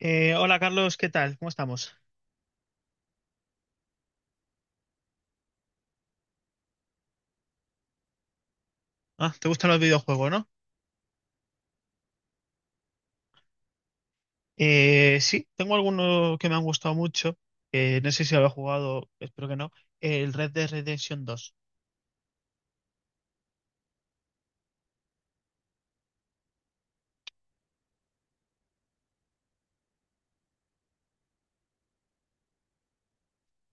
Hola Carlos, ¿qué tal? ¿Cómo estamos? Ah, ¿te gustan los videojuegos, no? Sí, tengo algunos que me han gustado mucho. No sé si lo he jugado, espero que no. El Red Dead Redemption dos.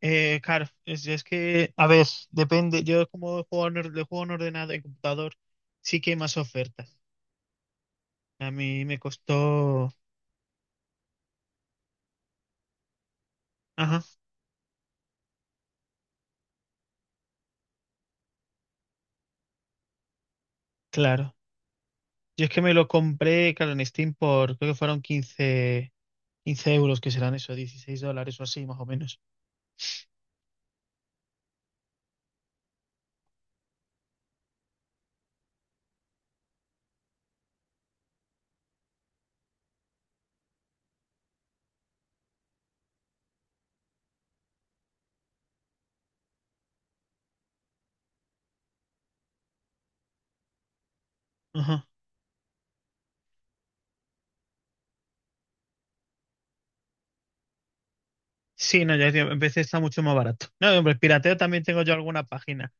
Claro, es que, a ver, depende. Yo como juego juego en ordenador, en computador, sí que hay más ofertas. A mí me costó. Ajá, claro. Yo es que me lo compré, claro, en Steam por, creo que 15 euros, que serán eso, 16 dólares o así, más o menos. Ajá. Sí, no, ya digo, en vez está mucho más barato. No, hombre, pirateo también tengo yo alguna página.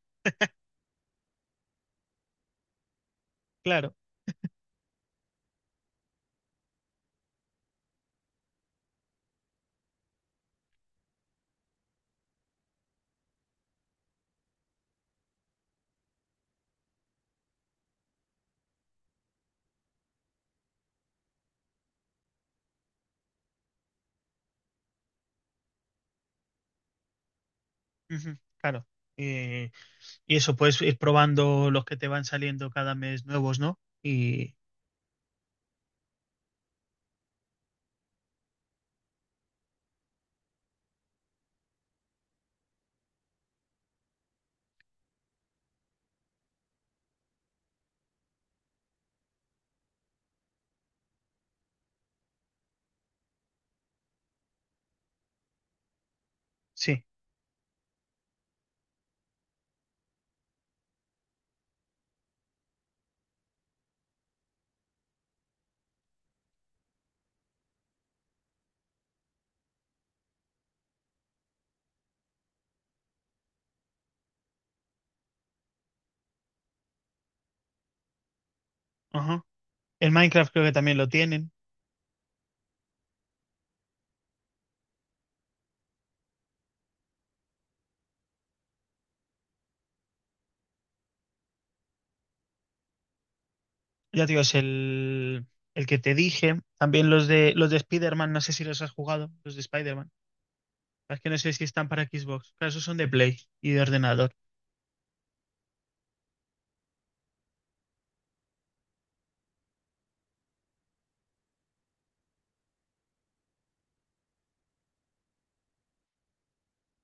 Claro, ujú, claro. Eh, y eso, puedes ir probando los que te van saliendo cada mes nuevos, ¿no? Y sí, ajá. El Minecraft creo que también lo tienen. Ya te digo, es el que te dije. También los de Spider-Man, no sé si los has jugado, los de Spider-Man. Es que no sé si están para Xbox. Claro, esos son de Play y de ordenador.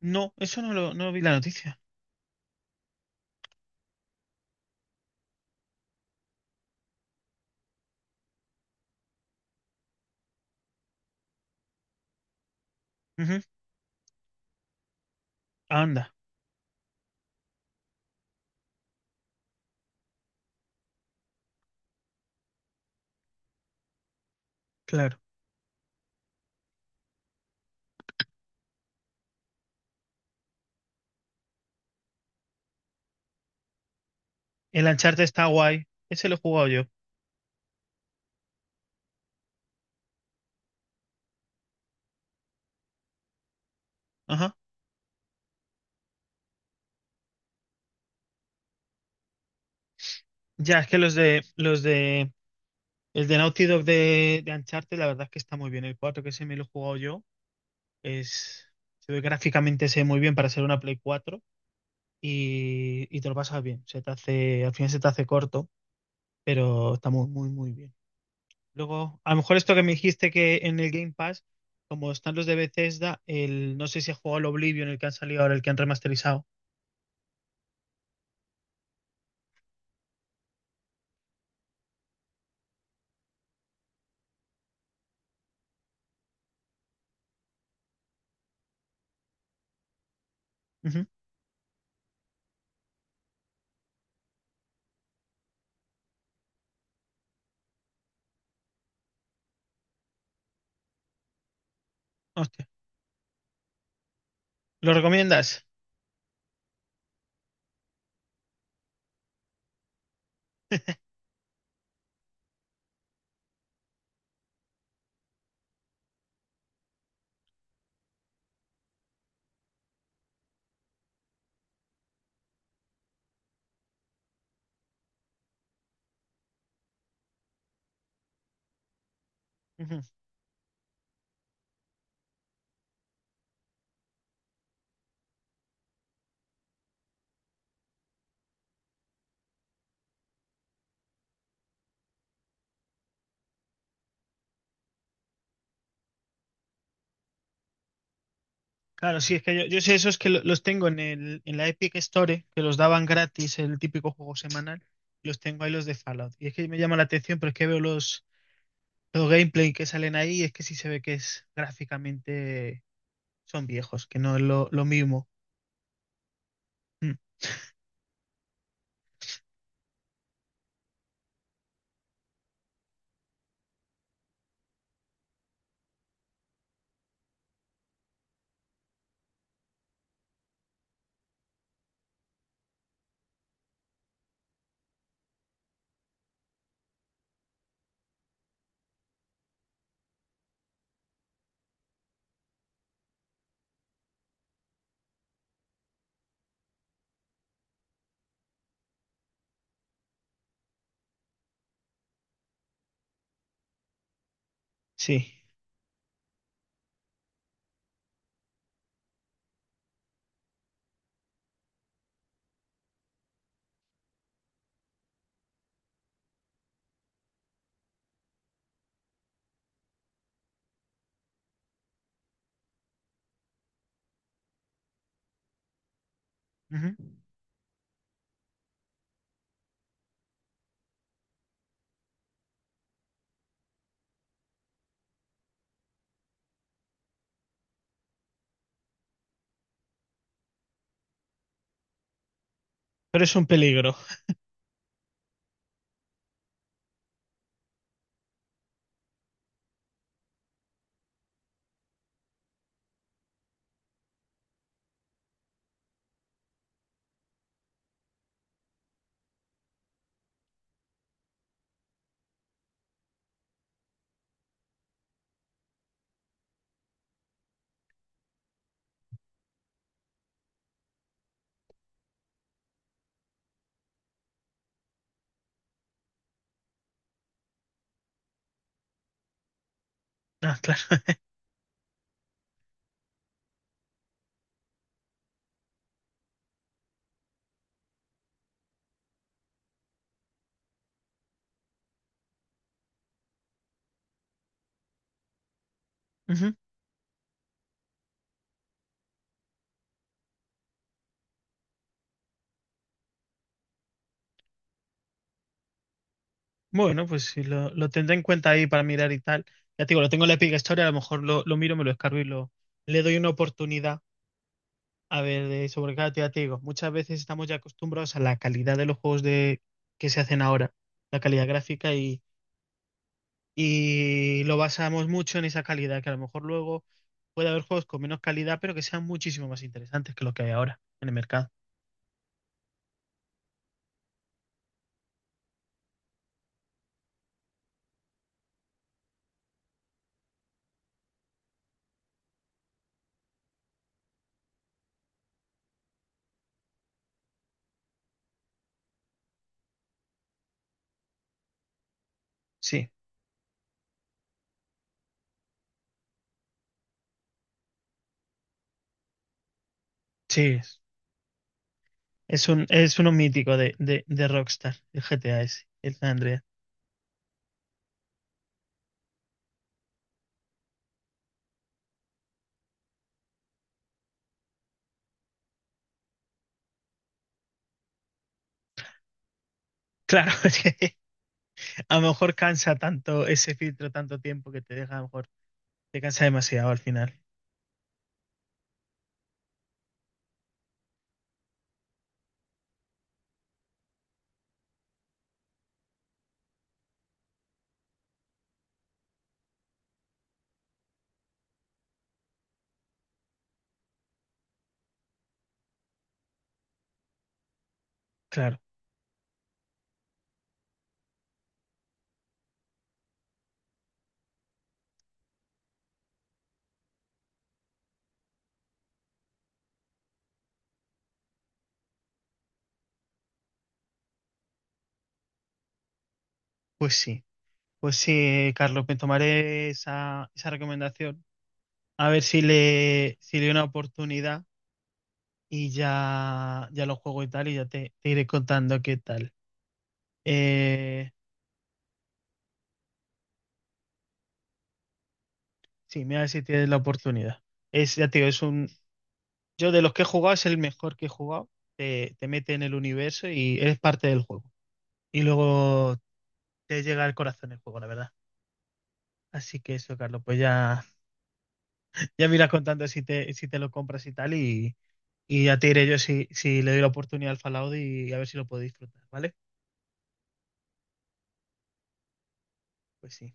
No, eso no lo, no vi la noticia. Ujú, anda, claro. El Uncharted está guay. Ese lo he jugado yo. Ajá. Ya, es que los de el de Naughty Dog de Uncharted, la verdad es que está muy bien. El 4 que se me lo he jugado yo es, se ve gráficamente, se ve muy bien para ser una Play 4 y te lo pasas bien. Se te hace, al final se te hace corto, pero está muy, muy, muy bien. Luego, a lo mejor esto que me dijiste que en el Game Pass, como están los de Bethesda, el, no sé si has jugado el Oblivion, el que han salido ahora, el que han remasterizado. Ujú. Hostia. ¿Lo recomiendas? Claro, sí, es que yo sé esos los tengo en la Epic Store, que los daban gratis, el típico juego semanal, los tengo ahí los de Fallout. Y es que me llama la atención, pero es que veo los gameplay que salen ahí y es que sí se ve que es gráficamente son viejos, que no es lo mismo. Sí. Ujú. Pero es un peligro. Ah, claro. Ujú. Bueno, pues sí, lo tendré en cuenta ahí para mirar y tal. Ya te digo, lo tengo en la Epic Store, a lo mejor lo miro, me lo descargo y lo, le doy una oportunidad. A ver, de sobrecarga, ya te digo, muchas veces estamos ya acostumbrados a la calidad de los juegos que se hacen ahora, la calidad gráfica, y lo basamos mucho en esa calidad, que a lo mejor luego puede haber juegos con menos calidad, pero que sean muchísimo más interesantes que lo que hay ahora en el mercado. Sí, sí, es uno mítico de Rockstar, el GTA ese, el San Andreas. Claro, es que a lo mejor cansa tanto ese filtro, tanto tiempo que te deja, a lo mejor te cansa demasiado al final. Claro, pues sí. Pues sí, Carlos, me tomaré esa recomendación. A ver si le doy una oportunidad y ya, ya lo juego y tal, y ya te iré contando qué tal. Eh, sí, mira a ver si tienes la oportunidad. Es, ya te digo, es un. Yo de los que he jugado es el mejor que he jugado. Te mete en el universo y eres parte del juego. Y luego te llega al corazón el juego, la verdad. Así que eso, Carlos, pues ya, ya me irás contando si te lo compras y tal. Y ya te diré yo si, si le doy la oportunidad al Fallout y a ver si lo puedo disfrutar, ¿vale? Pues sí.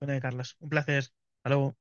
Bueno, Carlos, un placer. Hasta luego.